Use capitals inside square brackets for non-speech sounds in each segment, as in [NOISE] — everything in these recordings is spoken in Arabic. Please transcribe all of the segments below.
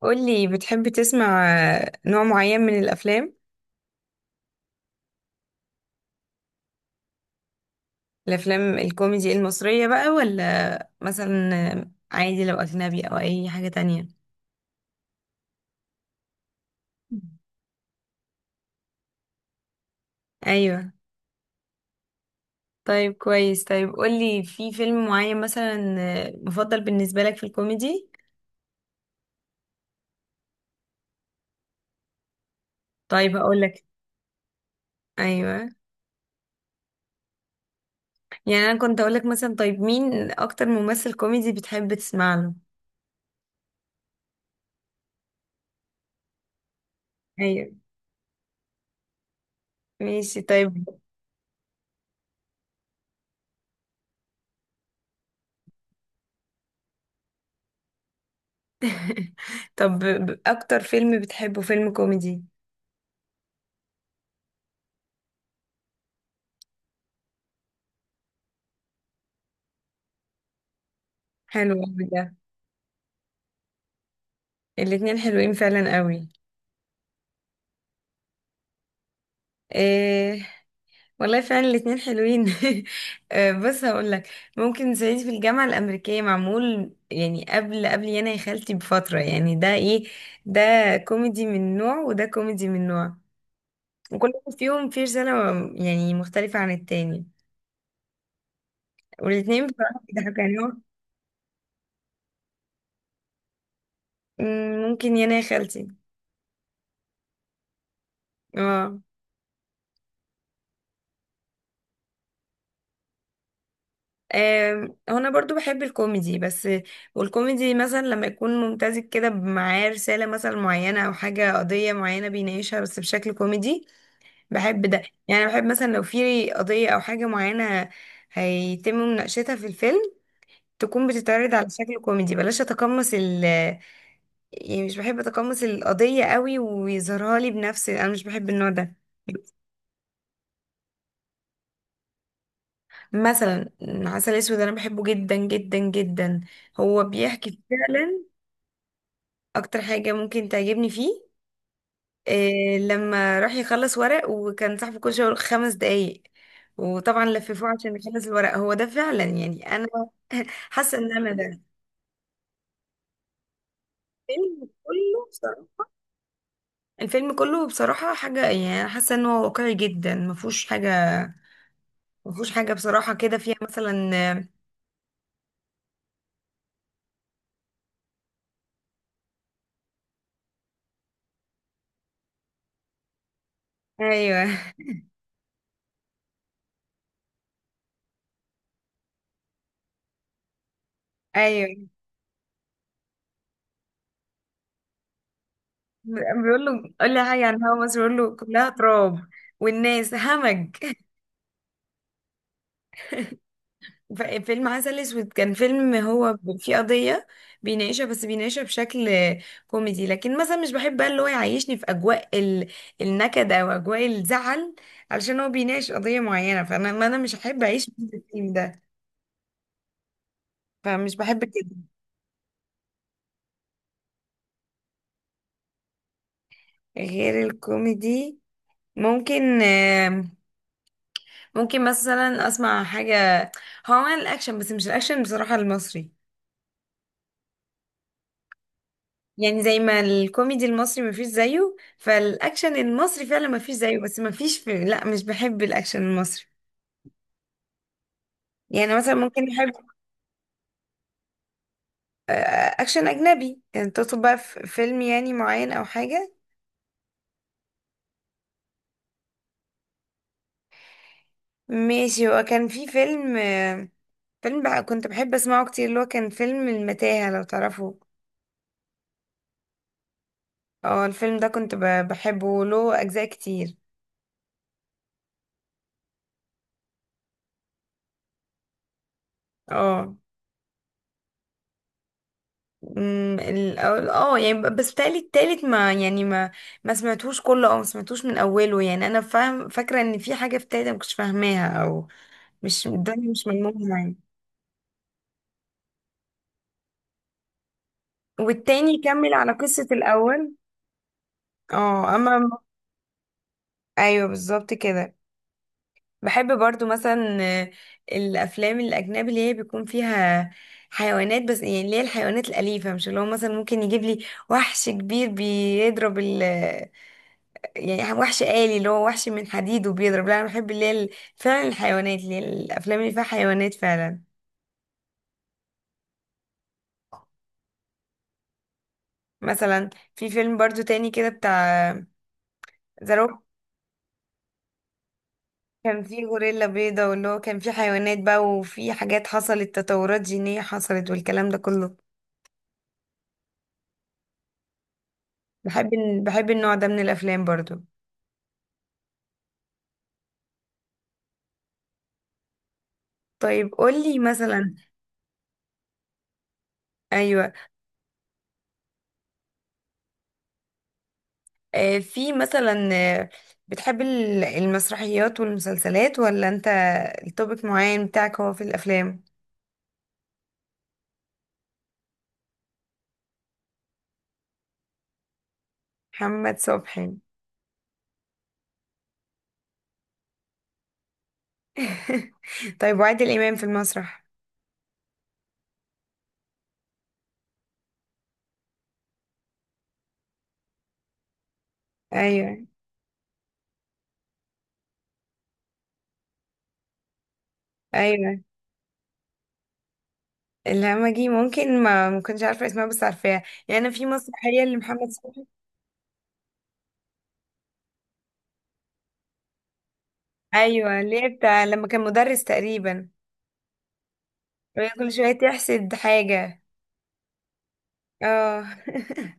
قولي بتحب تسمع نوع معين من الأفلام الكوميدي المصرية بقى ولا مثلا عادي لو أجنبي أو أي حاجة تانية؟ أيوة. طيب كويس. طيب قولي في فيلم معين مثلا مفضل بالنسبة لك في الكوميدي. طيب هقولك. أيوة يعني أنا كنت أقولك مثلا طيب مين أكتر ممثل كوميدي بتحب تسمع له؟ أيوة ماشي طيب. [LAUGHS] طب أكتر فيلم بتحبه فيلم كوميدي. حلو. ده الاتنين حلوين فعلا قوي. إيه والله فعلا الاتنين حلوين. [LAUGHS] بص هقول لك. ممكن صعيدي في الجامعة الأمريكية معمول يعني قبل يانا يا خالتي بفترة. يعني ده ايه، ده كوميدي من نوع وده كوميدي من نوع، وكل واحد فيهم فيه رسالة يعني مختلفة عن التاني. والاتنين بصراحة بيضحكوا يعني هو. ممكن يانا يا خالتي. اه. هو انا برضو بحب الكوميدي بس. والكوميدي مثلا لما يكون ممتزج كده معاه رسالة مثلا معينة او حاجة، قضية معينة بيناقشها بس بشكل كوميدي بحب ده. يعني بحب مثلا لو في قضية او حاجة معينة هيتم مناقشتها في الفيلم، تكون بتتعرض على شكل كوميدي. بلاش اتقمص يعني مش بحب اتقمص القضية قوي ويظهرها لي بنفسي، انا مش بحب النوع ده. مثلا عسل اسود انا بحبه جدا جدا جدا، هو بيحكي فعلا. اكتر حاجة ممكن تعجبني فيه إيه، لما راح يخلص ورق وكان صاحبه كل شوية يقول 5 دقايق، وطبعا لففوه عشان يخلص الورق. هو ده فعلا يعني انا حاسة ان انا ده. الفيلم كله بصراحة الفيلم كله بصراحة حاجة، يعني أنا حاسة انه واقعي جدا، ما فيهوش حاجة بصراحة كده فيها مثلا. ايوه، ايوه بيقول له قول لي حاجة عن هوا مصر بيقول له كلها تراب، والناس همج. فيلم عسل اسود كان فيلم، هو فيه قضية بيناقشها، بس بيناقشها بشكل كوميدي. لكن مثلا مش بحب بقى اللي هو يعيشني في اجواء النكد او اجواء الزعل علشان هو بيناقش قضية معينة، فانا ما انا مش هحب اعيش في الفيلم ده، فمش بحب كده. غير الكوميدي ممكن ممكن مثلا اسمع حاجة هو عمل الاكشن، بس مش الاكشن بصراحة المصري. يعني زي ما الكوميدي المصري مفيش زيه، فالاكشن المصري فعلا مفيش زيه، بس مفيش لا مش بحب الاكشن المصري. يعني مثلا ممكن احب آه، اكشن اجنبي، يعني تطلب بقى في فيلم يعني معين او حاجه. ماشي. هو كان في فيلم بقى كنت بحب اسمعه كتير، اللي هو كان فيلم المتاهه لو تعرفوا. اه. الفيلم ده كنت بحبه، له اجزاء كتير. اه. أمم، ال- اه، يعني بس بتهيألي التالت ما، يعني ما سمعتوش كله او ما سمعتوش من اوله. يعني انا فاهم، فاكره ان في حاجه في التالت ما كنتش فاهماها، او مش، الدنيا مش ملمومه يعني. والتاني كمل على قصه الاول. اه، اما. ايوه بالظبط كده. بحب برضو مثلا الافلام الاجنبي اللي هي بيكون فيها حيوانات، بس يعني اللي هي الحيوانات الأليفة، مش اللي هو مثلا ممكن يجيب لي وحش كبير بيضرب يعني وحش آلي اللي هو وحش من حديد وبيضرب. لا انا بحب اللي هي فعلا الحيوانات، اللي هي الافلام اللي فيها حيوانات فعلا. مثلا في فيلم برضو تاني كده بتاع زاروك، كان فيه غوريلا بيضة واللي هو كان فيه حيوانات بقى، وفي حاجات حصلت، تطورات جينية حصلت والكلام ده كله. بحب بحب النوع ده من الافلام برضو. طيب قولي مثلا. ايوه. في مثلا بتحب المسرحيات والمسلسلات ولا انت التوبيك معين بتاعك هو في الافلام؟ محمد صبحي. [LAUGHS] طيب وعادل امام في المسرح؟ ايوه، ايوه الهمجي ممكن ما كنتش عارفه اسمها بس عارفاها، يعني انا في مسرحيه لمحمد صبحي. ايوه اللي هي بتاع لما كان مدرس تقريبا، وهي كل شويه تحسد حاجه. اه. [LAUGHS]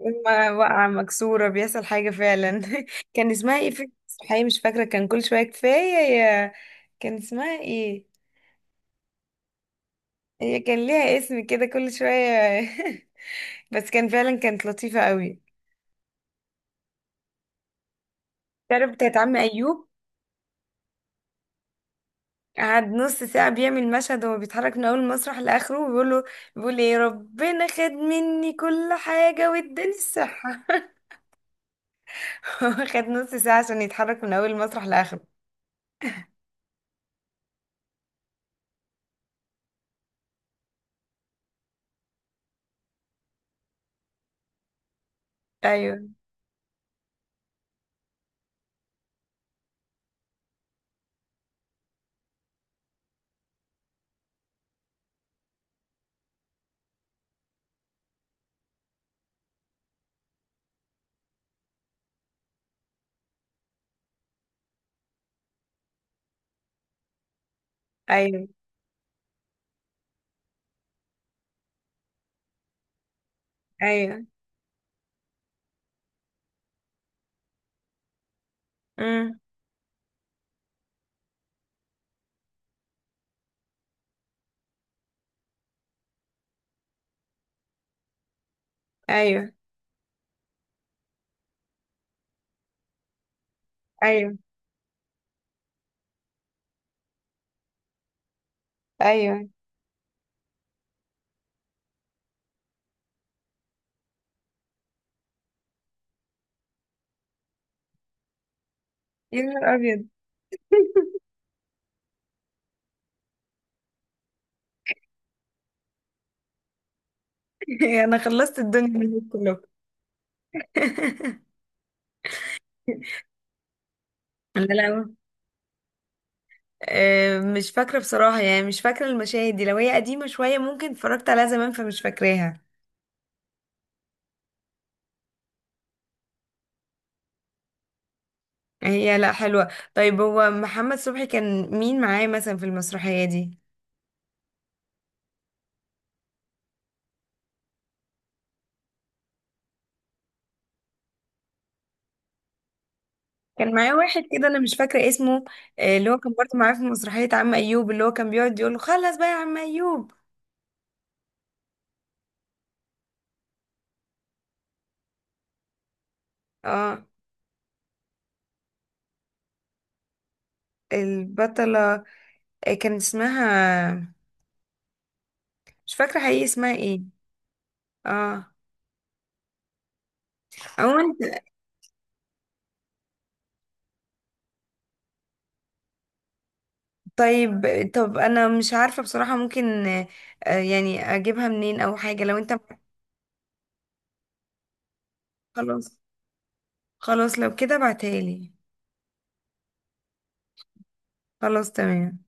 لما وقع مكسوره بيحصل حاجه فعلا. [LAUGHS] كان اسمها ايه في المسرحيه؟ مش فاكره. كان كل شويه كفايه يا، كان اسمها ايه؟ هي كان ليها اسم كده كل شويه. [LAUGHS] بس كان فعلا كانت لطيفه قوي. تعرف بتاعت عم ايوب، قعد نص ساعة بيعمل مشهد وهو بيتحرك من أول المسرح لآخره وبيقول له، بيقول إيه، ربنا خد مني كل حاجة واداني الصحة. [LAUGHS] هو خد نص ساعة عشان يتحرك من أول المسرح لآخره. أيوه. أيوه. أيوه. أمم. أيوه. أيوه. أيوه. يا نهار أبيض. [LAUGHS] أنا خلصت الدنيا منهم كلهم. [LAUGHS] لا، لا. مش فاكرة بصراحة، يعني مش فاكرة المشاهد دي. لو هي قديمة شوية ممكن اتفرجت عليها زمان فمش فاكراها. هي لا حلوة. طيب هو محمد صبحي كان مين معاه مثلا في المسرحية دي؟ كان معاه واحد كده انا مش فاكرة اسمه، اللي هو كان برضه معاه في مسرحية عم ايوب اللي هو كان بيقعد يقول له خلص بقى يا عم ايوب. اه. البطلة كان اسمها، مش فاكرة حقيقي اسمها ايه. اه. عموما. طيب. طب انا مش عارفة بصراحة، ممكن يعني اجيبها منين او حاجة لو انت. خلاص. خلاص لو كده ابعتها لي. خلاص تمام.